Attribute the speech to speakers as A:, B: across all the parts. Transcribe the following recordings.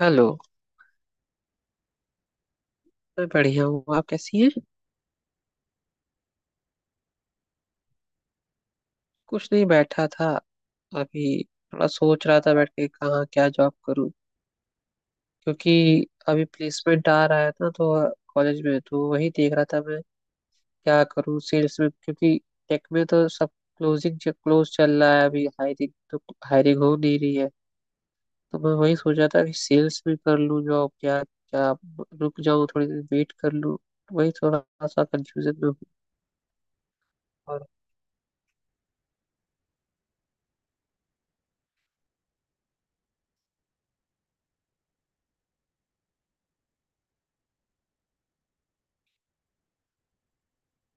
A: Hello. मैं बढ़िया हूँ। आप कैसी हैं? कुछ नहीं, बैठा था। अभी थोड़ा सोच रहा था, बैठ के कहाँ क्या जॉब करूँ। क्योंकि अभी प्लेसमेंट आ रहा है ना, तो कॉलेज में तो वही देख रहा था मैं, क्या करूँ सेल्स में। क्योंकि टेक में तो सब क्लोजिंग क्लोज चल रहा है अभी, हायरिंग तो हायरिंग हो नहीं रही है। तो मैं वही सोच रहा था कि सेल्स में कर लूँ जॉब क्या क्या, रुक जाऊँ थोड़ी देर वेट कर लूँ। वही थोड़ा सा कंफ्यूजन में हूँ।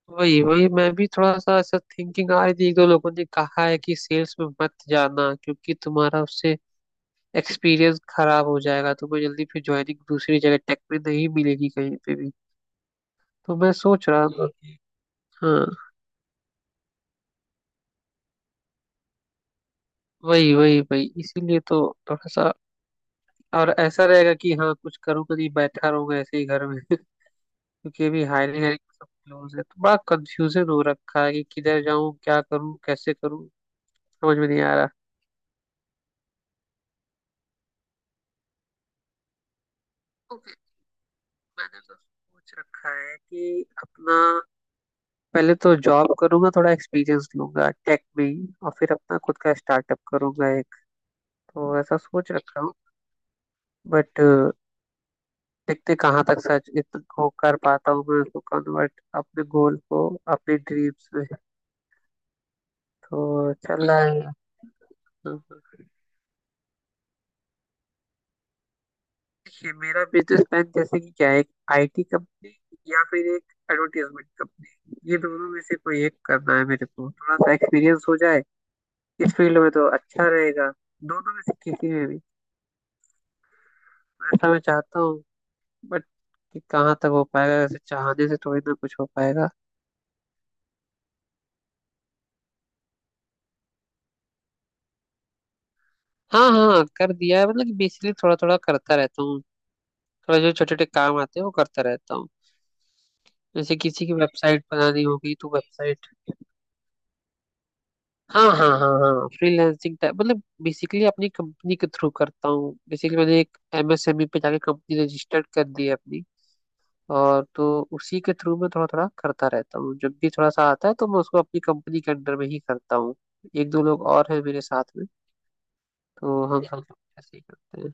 A: वही वही, मैं भी थोड़ा सा ऐसा थिंकिंग आ रही थी। एक दो लोगों ने कहा है कि सेल्स में मत जाना, क्योंकि तुम्हारा उससे एक्सपीरियंस खराब हो जाएगा, तुम्हें जल्दी फिर ज्वाइनिंग दूसरी जगह टेक में नहीं मिलेगी कहीं पे भी। तो मैं सोच रहा था। हम्म। हाँ, वही वही वही, इसीलिए तो थोड़ा सा। और ऐसा रहेगा कि हाँ, कुछ करूँगा, नहीं बैठा रहूंगा ऐसे ही घर में। क्योंकि अभी हायरिंग हायरिंग सब क्लोज है, तो बड़ा कंफ्यूजन हो रखा है कि किधर जाऊँ, क्या करूँ, कैसे करूँ। समझ में नहीं आ रहा। मैंने तो सोच रखा है कि अपना पहले तो जॉब करूंगा, थोड़ा एक्सपीरियंस लूंगा टेक में ही, और फिर अपना खुद का स्टार्टअप करूंगा एक। तो ऐसा सोच रखा हूँ। बट देखते कहाँ तक को कर पाता हूँ मैं, उसको कन्वर्ट अपने गोल को अपने ड्रीम्स में। तो चल रहा है। हाँ, हाँ। देखिए मेरा बिजनेस प्लान जैसे कि क्या है, एक आईटी कंपनी या फिर एक एडवर्टाइजमेंट कंपनी, ये दोनों में से कोई एक करना है। मेरे को थोड़ा सा एक्सपीरियंस हो जाए इस फील्ड में तो अच्छा रहेगा, दोनों में से किसी में भी। ऐसा मैं चाहता हूँ। बट कि कहाँ तक हो पाएगा, वैसे चाहने से थोड़ी ना कुछ हो पाएगा। हाँ हाँ हाँ, कर दिया है, मतलब कि बेसिकली थोड़ा थोड़ा करता रहता हूँ। थोड़ा जो छोटे छोटे काम आते हैं वो करता रहता हूँ। जैसे किसी की वेबसाइट बनानी होगी तो वेबसाइट। हाँ हाँ हाँ हाँ, फ्रीलांसिंग टाइप, मतलब बेसिकली अपनी कंपनी के थ्रू करता हूँ। बेसिकली मैंने एक एमएसएमई पे जाके कंपनी रजिस्टर्ड कर दी है अपनी। और तो उसी के थ्रू मैं थोड़ा थोड़ा करता रहता हूँ। जब भी थोड़ा सा आता है तो मैं उसको अपनी कंपनी के अंडर में ही करता हूँ। एक दो लोग और हैं मेरे साथ में। तो हम सब लोग ऐसे ही करते हैं।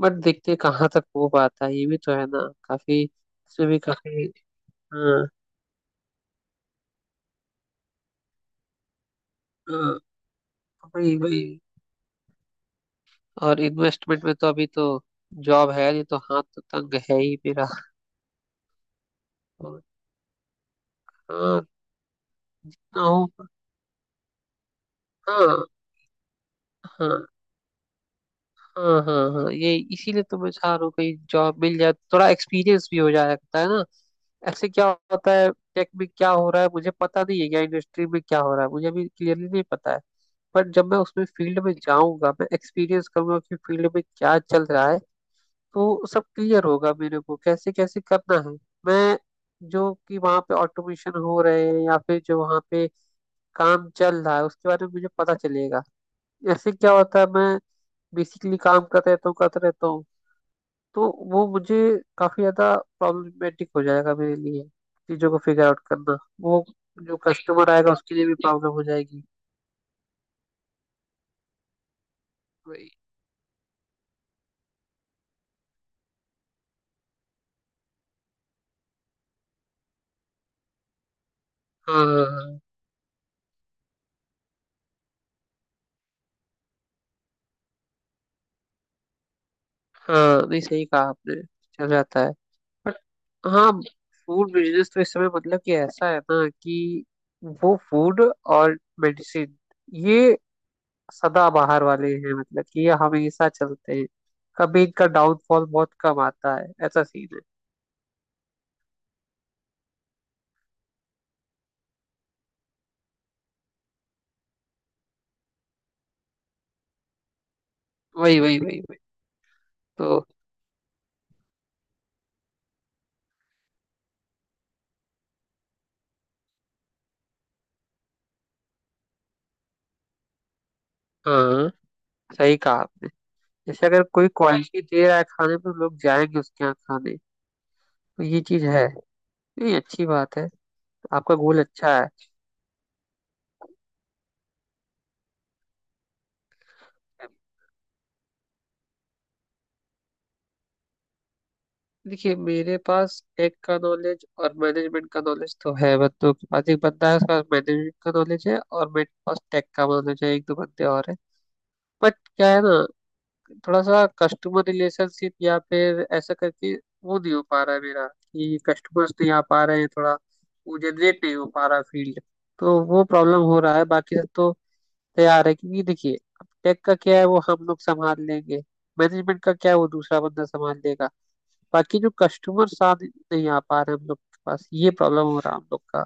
A: बट देखते हैं कहाँ तक हो पाता है, ये भी तो है ना, काफी इसमें भी काफी। हाँ हाँ, वही वही। और इन्वेस्टमेंट में तो अभी तो जॉब है नहीं, तो हाथ तो तंग है ही मेरा। और हाँ, ना हो। हाँ हाँ हाँ हाँ हाँ, ये इसीलिए तो मैं चाह रहा हूँ कहीं जॉब मिल जाए, थोड़ा एक्सपीरियंस भी हो जाता है ना। ऐसे क्या होता है, टेक में क्या हो रहा है मुझे पता नहीं है, या इंडस्ट्री में क्या हो रहा है मुझे अभी क्लियरली नहीं पता है। पर जब मैं उसमें फील्ड में जाऊंगा, मैं एक्सपीरियंस करूंगा कि फील्ड में क्या चल रहा है, तो सब क्लियर होगा मेरे को कैसे कैसे करना है। मैं जो कि वहाँ पे ऑटोमेशन हो रहे हैं या फिर जो वहाँ पे काम चल रहा है, उसके बारे में मुझे पता चलेगा। ऐसे क्या होता है, मैं बेसिकली काम करते रहता हूँ करते रहता हूँ, तो वो मुझे काफी ज्यादा प्रॉब्लमेटिक हो जाएगा मेरे लिए चीजों को फिगर आउट करना वो। जो कस्टमर आएगा उसके लिए भी प्रॉब्लम हो जाएगी। वही। हाँ हाँ हाँ, नहीं सही कहा आपने। चल जाता है। बट हाँ। फूड बिजनेस तो इस समय, मतलब कि ऐसा है ना कि वो फूड और मेडिसिन, ये सदा बाहर वाले हैं, मतलब कि ये हमेशा चलते हैं। कभी इनका डाउनफॉल बहुत कम आता है, ऐसा सीन है। वही वही वही वही। तो हाँ, सही कहा। जैसे अगर कोई क्वालिटी दे रहा है खाने में, तो लोग जाएंगे उसके यहाँ खाने। तो ये चीज है। नहीं, अच्छी बात है, आपका गोल अच्छा है। देखिए मेरे पास टेक का नॉलेज और मैनेजमेंट का नॉलेज तो है बंदों के पास, एक बंदा है उसका मैनेजमेंट का नॉलेज है और मेरे पास टेक का नॉलेज है, एक दो बंदे और है। बट क्या है ना, थोड़ा सा कस्टमर रिलेशनशिप या फिर ऐसा करके, वो नहीं हो पा रहा है मेरा, कि कस्टमर्स नहीं आ पा रहे हैं, थोड़ा वो जनरेट नहीं हो पा रहा फील्ड। तो वो प्रॉब्लम हो रहा है, बाकी सब तो तैयार है। क्योंकि देखिए, अब टेक का क्या है वो हम लोग संभाल लेंगे, मैनेजमेंट का क्या है वो दूसरा बंदा संभाल लेगा। बाकी जो कस्टमर साथ नहीं आ पा रहे हम लोग के पास, ये प्रॉब्लम हो रहा है हम लोग का।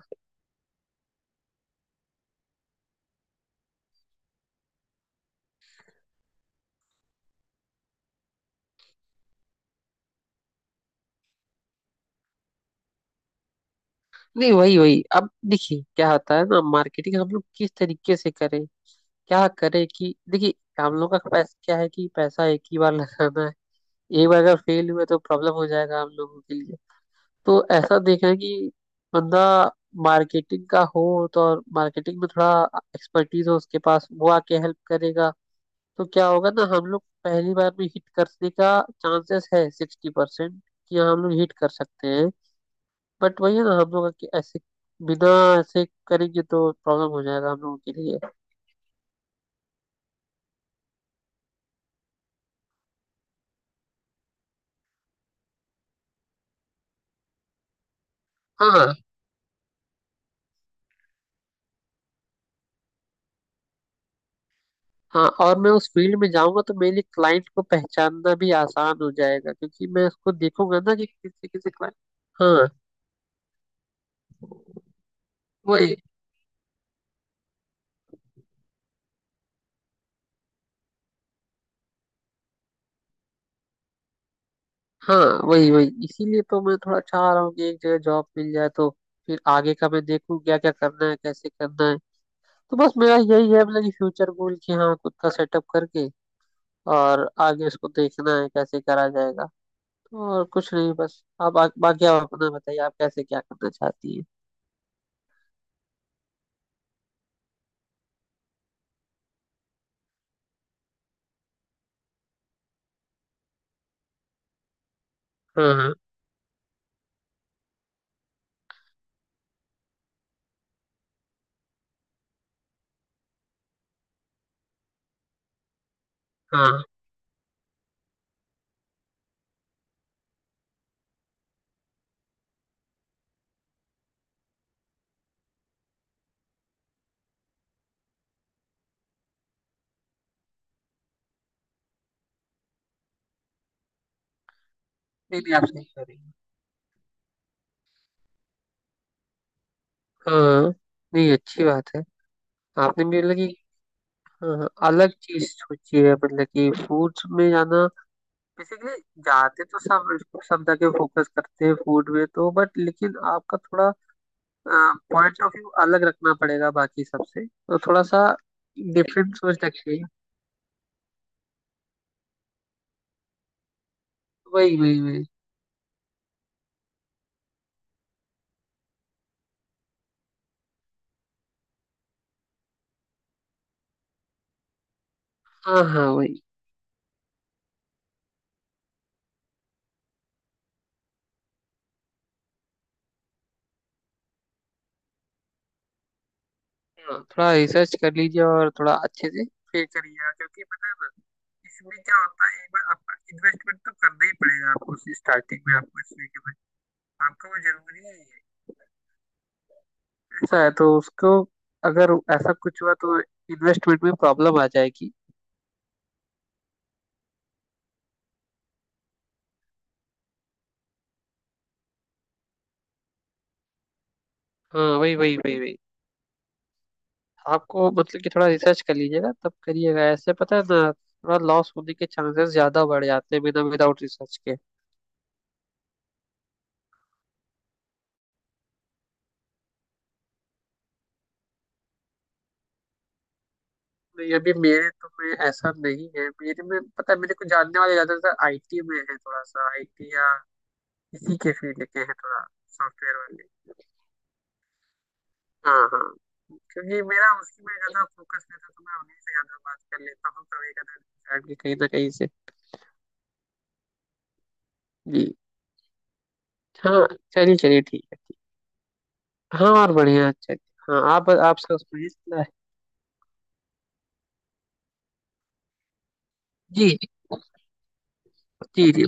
A: नहीं वही वही, अब देखिए क्या होता है ना, मार्केटिंग हम लोग किस तरीके से करें, क्या करें। कि देखिए, हम लोग का पैसा क्या है, कि पैसा एक ही बार लगाना है। एक बार अगर फेल हुआ तो प्रॉब्लम हो जाएगा हम लोगों के लिए। तो ऐसा देखा है कि बंदा मार्केटिंग का हो, तो और मार्केटिंग में थोड़ा एक्सपर्टीज हो उसके पास, वो आके हेल्प करेगा। तो क्या होगा ना, हम लोग पहली बार में हिट करने का चांसेस है 60%, कि हाँ, हम लोग हिट कर सकते हैं। बट वही है ना, हम लोग कि ऐसे बिना ऐसे करेंगे तो प्रॉब्लम हो जाएगा हम लोगों के लिए। हाँ हाँ हाँ, और मैं उस फील्ड में जाऊंगा तो मेरे लिए क्लाइंट को पहचानना भी आसान हो जाएगा, क्योंकि मैं उसको देखूंगा ना कि किसी किसी क्लाइंट, हाँ वही। हाँ वही वही, इसीलिए तो मैं थोड़ा चाह रहा हूँ कि एक जगह जॉब मिल जाए, तो फिर आगे का मैं देखूँ क्या क्या करना है कैसे करना है। तो बस मेरा यही है, मतलब कि फ्यूचर गोल कि हाँ, खुद का सेटअप करके, और आगे उसको देखना है कैसे करा जाएगा। और कुछ नहीं, बस आप बाकी आप अपना बताइए, आप कैसे क्या करना चाहती है। हाँ हाँ हाँ, नहीं नहीं, आप सही कह रही हैं। हाँ, नहीं अच्छी बात है। आपने भी मतलब कि, हाँ, हाँ, अलग चीज सोची है, मतलब कि फूड्स में जाना। बेसिकली जाते तो सब सब जगह फोकस करते हैं फूड में तो, बट लेकिन आपका थोड़ा पॉइंट ऑफ व्यू अलग रखना पड़ेगा बाकी सबसे। तो थोड़ा सा डिफरेंट सोच रखिए। वही वही वही। हाँ हाँ वही, हाँ थोड़ा रिसर्च कर लीजिए, और थोड़ा अच्छे से फिर करिएगा। क्योंकि पता है ना, इसमें क्या होता है, एक बार आपका इन्वेस्टमेंट तो करना ही पड़ेगा आपको, स्टार्टिंग में आपको इसमें के में आपका वो जरूरी है। ऐसा है, तो उसको, अगर ऐसा कुछ हुआ तो इन्वेस्टमेंट में प्रॉब्लम आ जाएगी। हाँ वही वही वही वही। आपको मतलब कि थोड़ा रिसर्च कर लीजिएगा तब करिएगा ऐसे, पता है ना, थोड़ा लॉस होने के चांसेस ज्यादा बढ़ जाते हैं बिना विदाउट रिसर्च के। नहीं अभी मेरे तो में ऐसा नहीं है, मेरे में पता है मेरे को जानने वाले ज्यादातर आईटी में है, थोड़ा सा आईटी या इसी के फील्ड के हैं थोड़ा, सॉफ्टवेयर वाले। हाँ हाँ। क्योंकि मेरा उसी में ज्यादा फोकस रहता है, तो मैं उन्हीं से ज्यादा बात कर लेता हूँ कभी कभी कहीं ना कहीं से। जी। हाँ, चलिए चलिए ठीक है। हाँ, और बढ़िया, अच्छा अच्छा। हाँ, आप सुनाइए। जी जी जी।